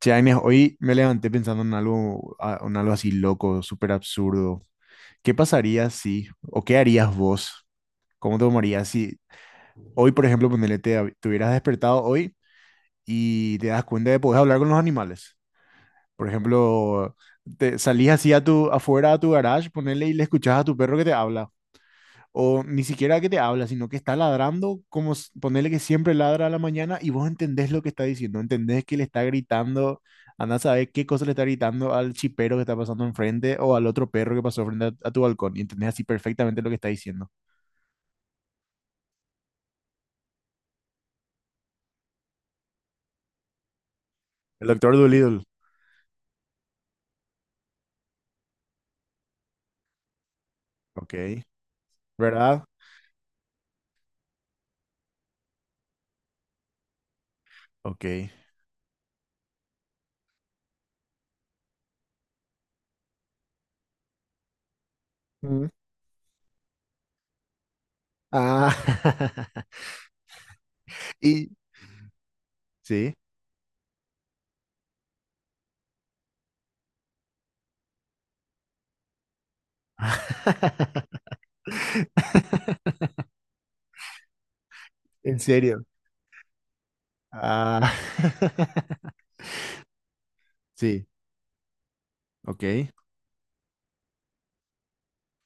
Che, Agnes, hoy me levanté pensando en algo, en algo así loco, súper absurdo. ¿Qué pasaría si, o qué harías vos? ¿Cómo te tomarías si hoy, por ejemplo, ponele, te hubieras despertado hoy y te das cuenta de que podés hablar con los animales? Por ejemplo, te salís así a afuera a tu garage, ponele y le escuchás a tu perro que te habla. O ni siquiera que te habla, sino que está ladrando, como ponerle que siempre ladra a la mañana y vos entendés lo que está diciendo, entendés que le está gritando, andá a saber qué cosa le está gritando al chipero que está pasando enfrente o al otro perro que pasó a tu balcón y entendés así perfectamente lo que está diciendo. El doctor Dolittle. Ok. ¿Verdad? Ok. Mm. Ah, y sí, en serio. Ah, sí, ok.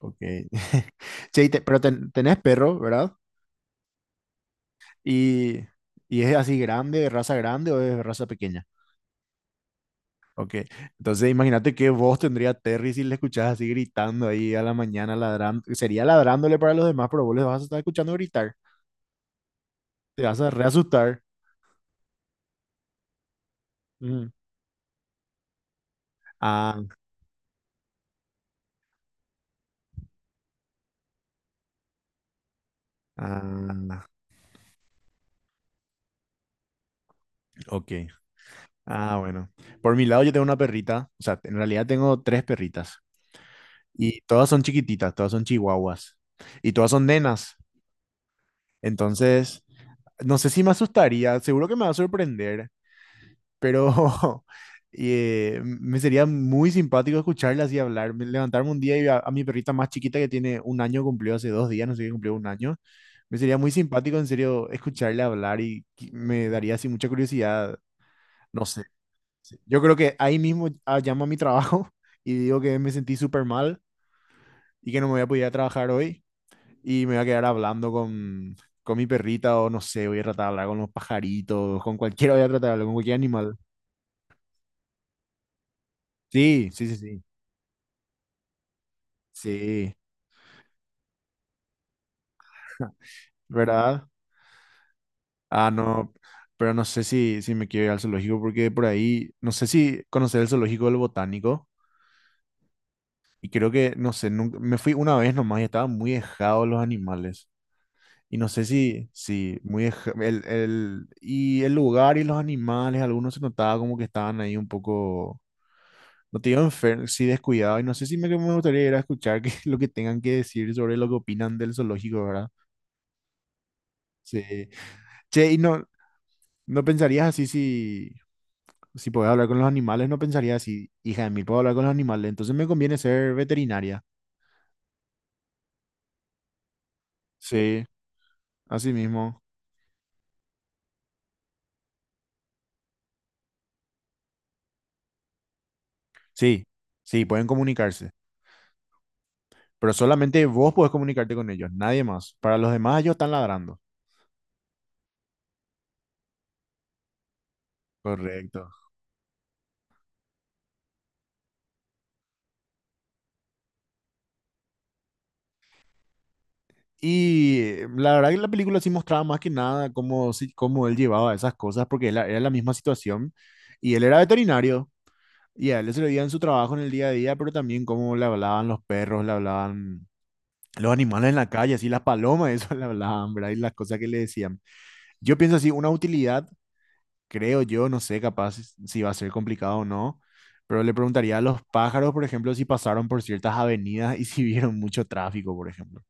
Ok. Che, y pero tenés perro, ¿verdad? Y, y es así grande, raza grande o es raza pequeña. Ok. Entonces imagínate qué voz tendría Terry si le escuchás así gritando ahí a la mañana, ladrando. Sería ladrándole para los demás, pero vos le vas a estar escuchando gritar. Te vas a reasustar. Mm. Ah, ah, ok. Ah, bueno. Por mi lado yo tengo una perrita. O sea, en realidad tengo tres perritas. Y todas son chiquititas, todas son chihuahuas. Y todas son nenas. Entonces no sé si me asustaría, seguro que me va a sorprender, pero me sería muy simpático escucharla así hablar, levantarme un día y a mi perrita más chiquita que tiene un año, cumplió hace 2 días, no sé qué cumplió un año, me sería muy simpático en serio escucharla hablar y me daría así mucha curiosidad, no sé, yo creo que ahí mismo llamo a mi trabajo y digo que me sentí súper mal y que no me voy a poder ir a trabajar hoy y me voy a quedar hablando con mi perrita o no sé, voy a tratar de hablar con los pajaritos, con cualquiera, voy a tratar de hablar con cualquier animal. Sí, sí, sí, sí, sí, ¿verdad? Ah, no, pero no sé si me quiero ir al zoológico porque por ahí, no sé si conocer el zoológico del botánico y creo que, no sé, nunca, me fui una vez nomás y estaban muy dejados los animales. Y no sé si, si, muy, deja- el, y el lugar y los animales, algunos se notaba como que estaban ahí un poco. No te digo enfermo, sí descuidado. Y no sé si me, que me gustaría ir a escuchar lo que tengan que decir sobre lo que opinan del zoológico, ¿verdad? Sí. Che, y no, no pensarías así si podés hablar con los animales, no pensarías así, hija de mí, puedo hablar con los animales, entonces me conviene ser veterinaria. Sí, así mismo. Sí, sí, pueden comunicarse, pero solamente vos podés comunicarte con ellos, nadie más. Para los demás, ellos están ladrando. Correcto. Y la verdad que la película sí mostraba más que nada cómo, cómo él llevaba esas cosas, porque era la misma situación. Y él era veterinario, y a él se le veía en su trabajo en el día a día, pero también cómo le hablaban los perros, le hablaban los animales en la calle, así las palomas, eso le hablaban, ¿verdad? Y las cosas que le decían. Yo pienso así, una utilidad, creo yo, no sé capaz si va a ser complicado o no, pero le preguntaría a los pájaros, por ejemplo, si pasaron por ciertas avenidas y si vieron mucho tráfico, por ejemplo.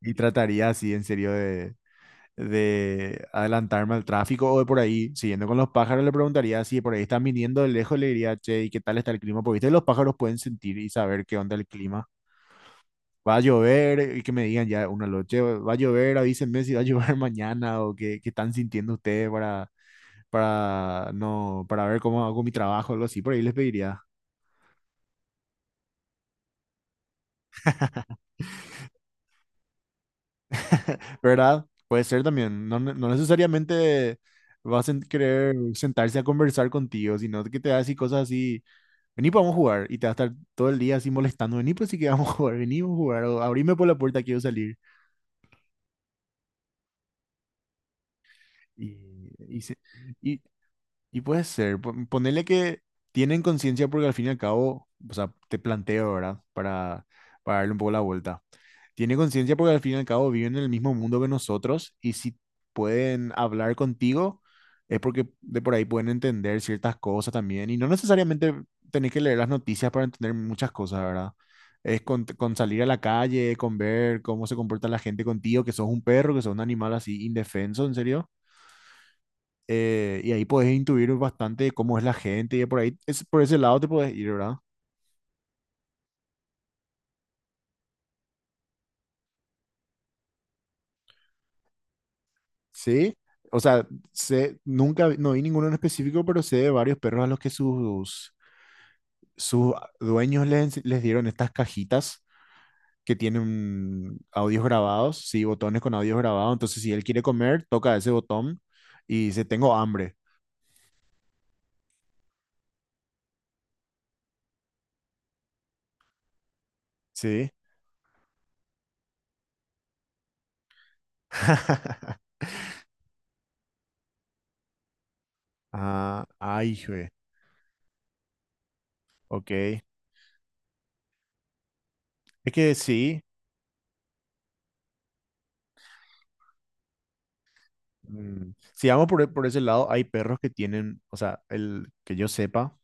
Y trataría así, en serio, de adelantarme al tráfico o de por ahí, siguiendo con los pájaros, le preguntaría si por ahí están viniendo de lejos, le diría, che, ¿y qué tal está el clima? Porque viste, los pájaros pueden sentir y saber qué onda el clima. Va a llover, y que me digan ya una noche, va a llover, avísenme si va a llover mañana o qué, qué están sintiendo ustedes para, no, para ver cómo hago mi trabajo, algo así, por ahí les pediría. ¿Verdad? Puede ser también, no necesariamente vas a querer sentarse a conversar contigo, sino que te va a decir cosas así. Vení, pues, vamos a jugar. Y te va a estar todo el día así molestando. Vení, pues sí que vamos a jugar. Vení, vamos a jugar. O abrime por la puerta, quiero salir. Y, y, se- y Y puede ser, ponele que tienen conciencia porque al fin y al cabo, o sea, te planteo, ¿verdad? Para, darle un poco la vuelta. Tiene conciencia porque al fin y al cabo viven en el mismo mundo que nosotros y si pueden hablar contigo es porque de por ahí pueden entender ciertas cosas también y no necesariamente tenés que leer las noticias para entender muchas cosas, ¿verdad? Es con salir a la calle, con ver cómo se comporta la gente contigo, que sos un perro, que sos un animal así indefenso, en serio y ahí podés intuir bastante cómo es la gente y por ahí, es, por ese lado te podés ir, ¿verdad? Sí. O sea, sé, nunca, no vi ninguno en específico, pero sé de varios perros a los que sus dueños les dieron estas cajitas que tienen audios grabados, sí, botones con audios grabados. Entonces, si él quiere comer, toca ese botón y dice, tengo hambre, ¿sí? Ah, ay, jue, ok. Es que sí. Mm, si vamos por, por ese lado, hay perros que tienen, o sea, el que yo sepa,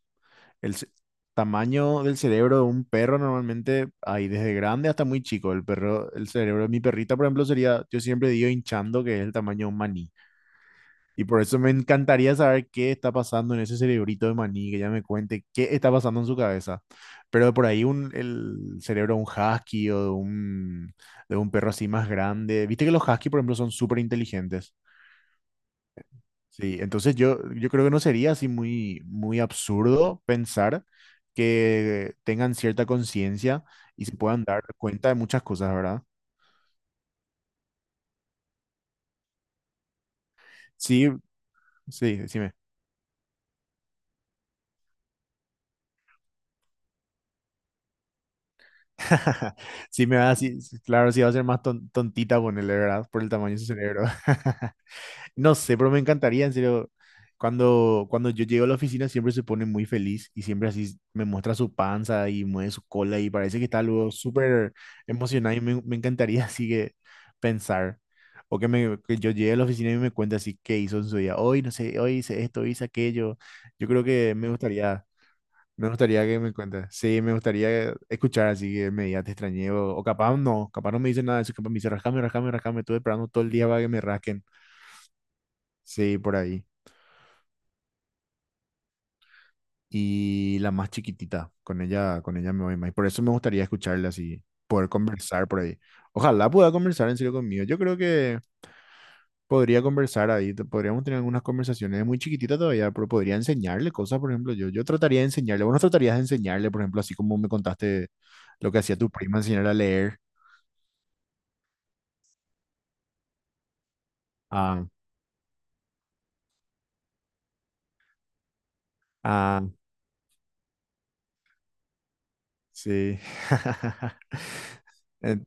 el tamaño del cerebro de un perro normalmente hay desde grande hasta muy chico. El perro, el cerebro de mi perrita, por ejemplo, sería, yo siempre digo hinchando, que es el tamaño de un maní. Y por eso me encantaría saber qué está pasando en ese cerebrito de maní, que ella me cuente qué está pasando en su cabeza. Pero por ahí un, el cerebro de un husky o de un perro así más grande. Viste que los husky, por ejemplo, son súper inteligentes. Sí, entonces yo, creo que no sería así muy, muy absurdo pensar que tengan cierta conciencia y se puedan dar cuenta de muchas cosas, ¿verdad? Sí, sí, decime. Sí, me va a decir- claro, sí va a ser más tontita ponerle, ¿verdad? Por el tamaño de su cerebro. No sé, pero me encantaría, en serio. Cuando yo llego a la oficina siempre se pone muy feliz y siempre así me muestra su panza y mueve su cola y parece que está luego súper emocionado y me encantaría así que pensar. O que yo llegue a la oficina y me cuente así qué hizo en su día. Hoy, no sé, hoy hice esto, hoy hice aquello. Yo creo que me gustaría que me cuente. Sí, me gustaría escuchar así que me diga, te extrañé. O capaz no me dice nada de eso, capaz me dice, rascame, rascame, rascame. Estuve esperando todo el día para que me rasquen. Sí, por ahí. Y la más chiquitita. Con ella me voy más. Por eso me gustaría escucharla así, poder conversar por ahí. Ojalá pueda conversar en serio conmigo. Yo creo que podría conversar ahí, podríamos tener algunas conversaciones. Es muy chiquitita todavía, pero podría enseñarle cosas, por ejemplo, yo trataría de enseñarle, vos no tratarías de enseñarle, por ejemplo, así como me contaste lo que hacía tu prima, enseñarle a leer. Ah, ah, sí. En-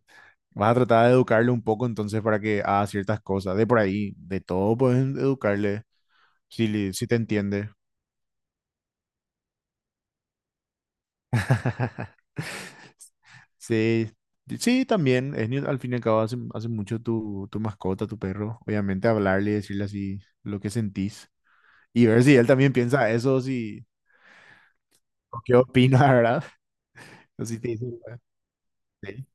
Vas a tratar de educarle un poco entonces para que haga ciertas cosas, de por ahí, de todo puedes educarle, si, si te entiende. Sí, sí, también. Es, ni- Al fin y al cabo, hace mucho tu mascota, tu perro. Obviamente, hablarle, decirle así lo que sentís y ver si él también piensa eso, si, o qué opina, ¿verdad? O si te dice, sí,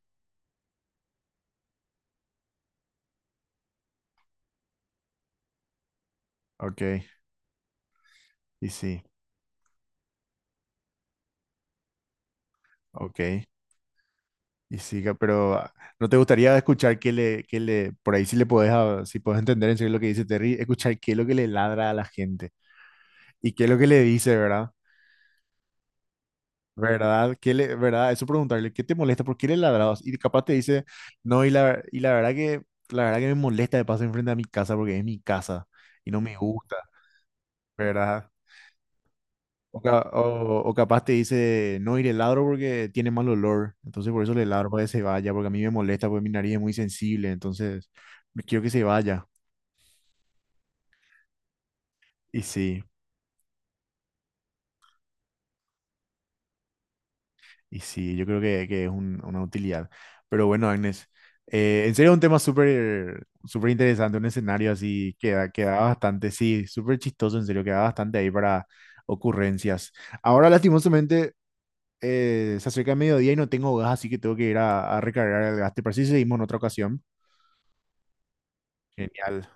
ok, y sí, ok, y sí, pero ¿no te gustaría escuchar que le, por ahí si le podés, ah, si podés entender en serio lo que dice Terry, escuchar qué es lo que le ladra a la gente y qué es lo que le dice, ¿verdad? ¿Verdad? ¿Qué le, verdad? Eso preguntarle, ¿qué te molesta? ¿Por qué le ladrados? Y capaz te dice, no, y la verdad que me molesta de pasar enfrente a mi casa porque es mi casa y no me gusta, ¿verdad? O capaz te dice, no, y le ladro porque tiene mal olor, entonces por eso le ladro para que se vaya, porque a mí me molesta, porque mi nariz es muy sensible, entonces me quiero que se vaya. Y sí. Y sí, yo creo que es una utilidad. Pero bueno, Agnes, en serio un tema súper súper interesante, un escenario así que da bastante, sí, súper chistoso, en serio, queda bastante ahí para ocurrencias. Ahora, lastimosamente, se acerca el mediodía y no tengo gas, así que tengo que ir a recargar el gas. ¿Te parece si seguimos en otra ocasión? Genial.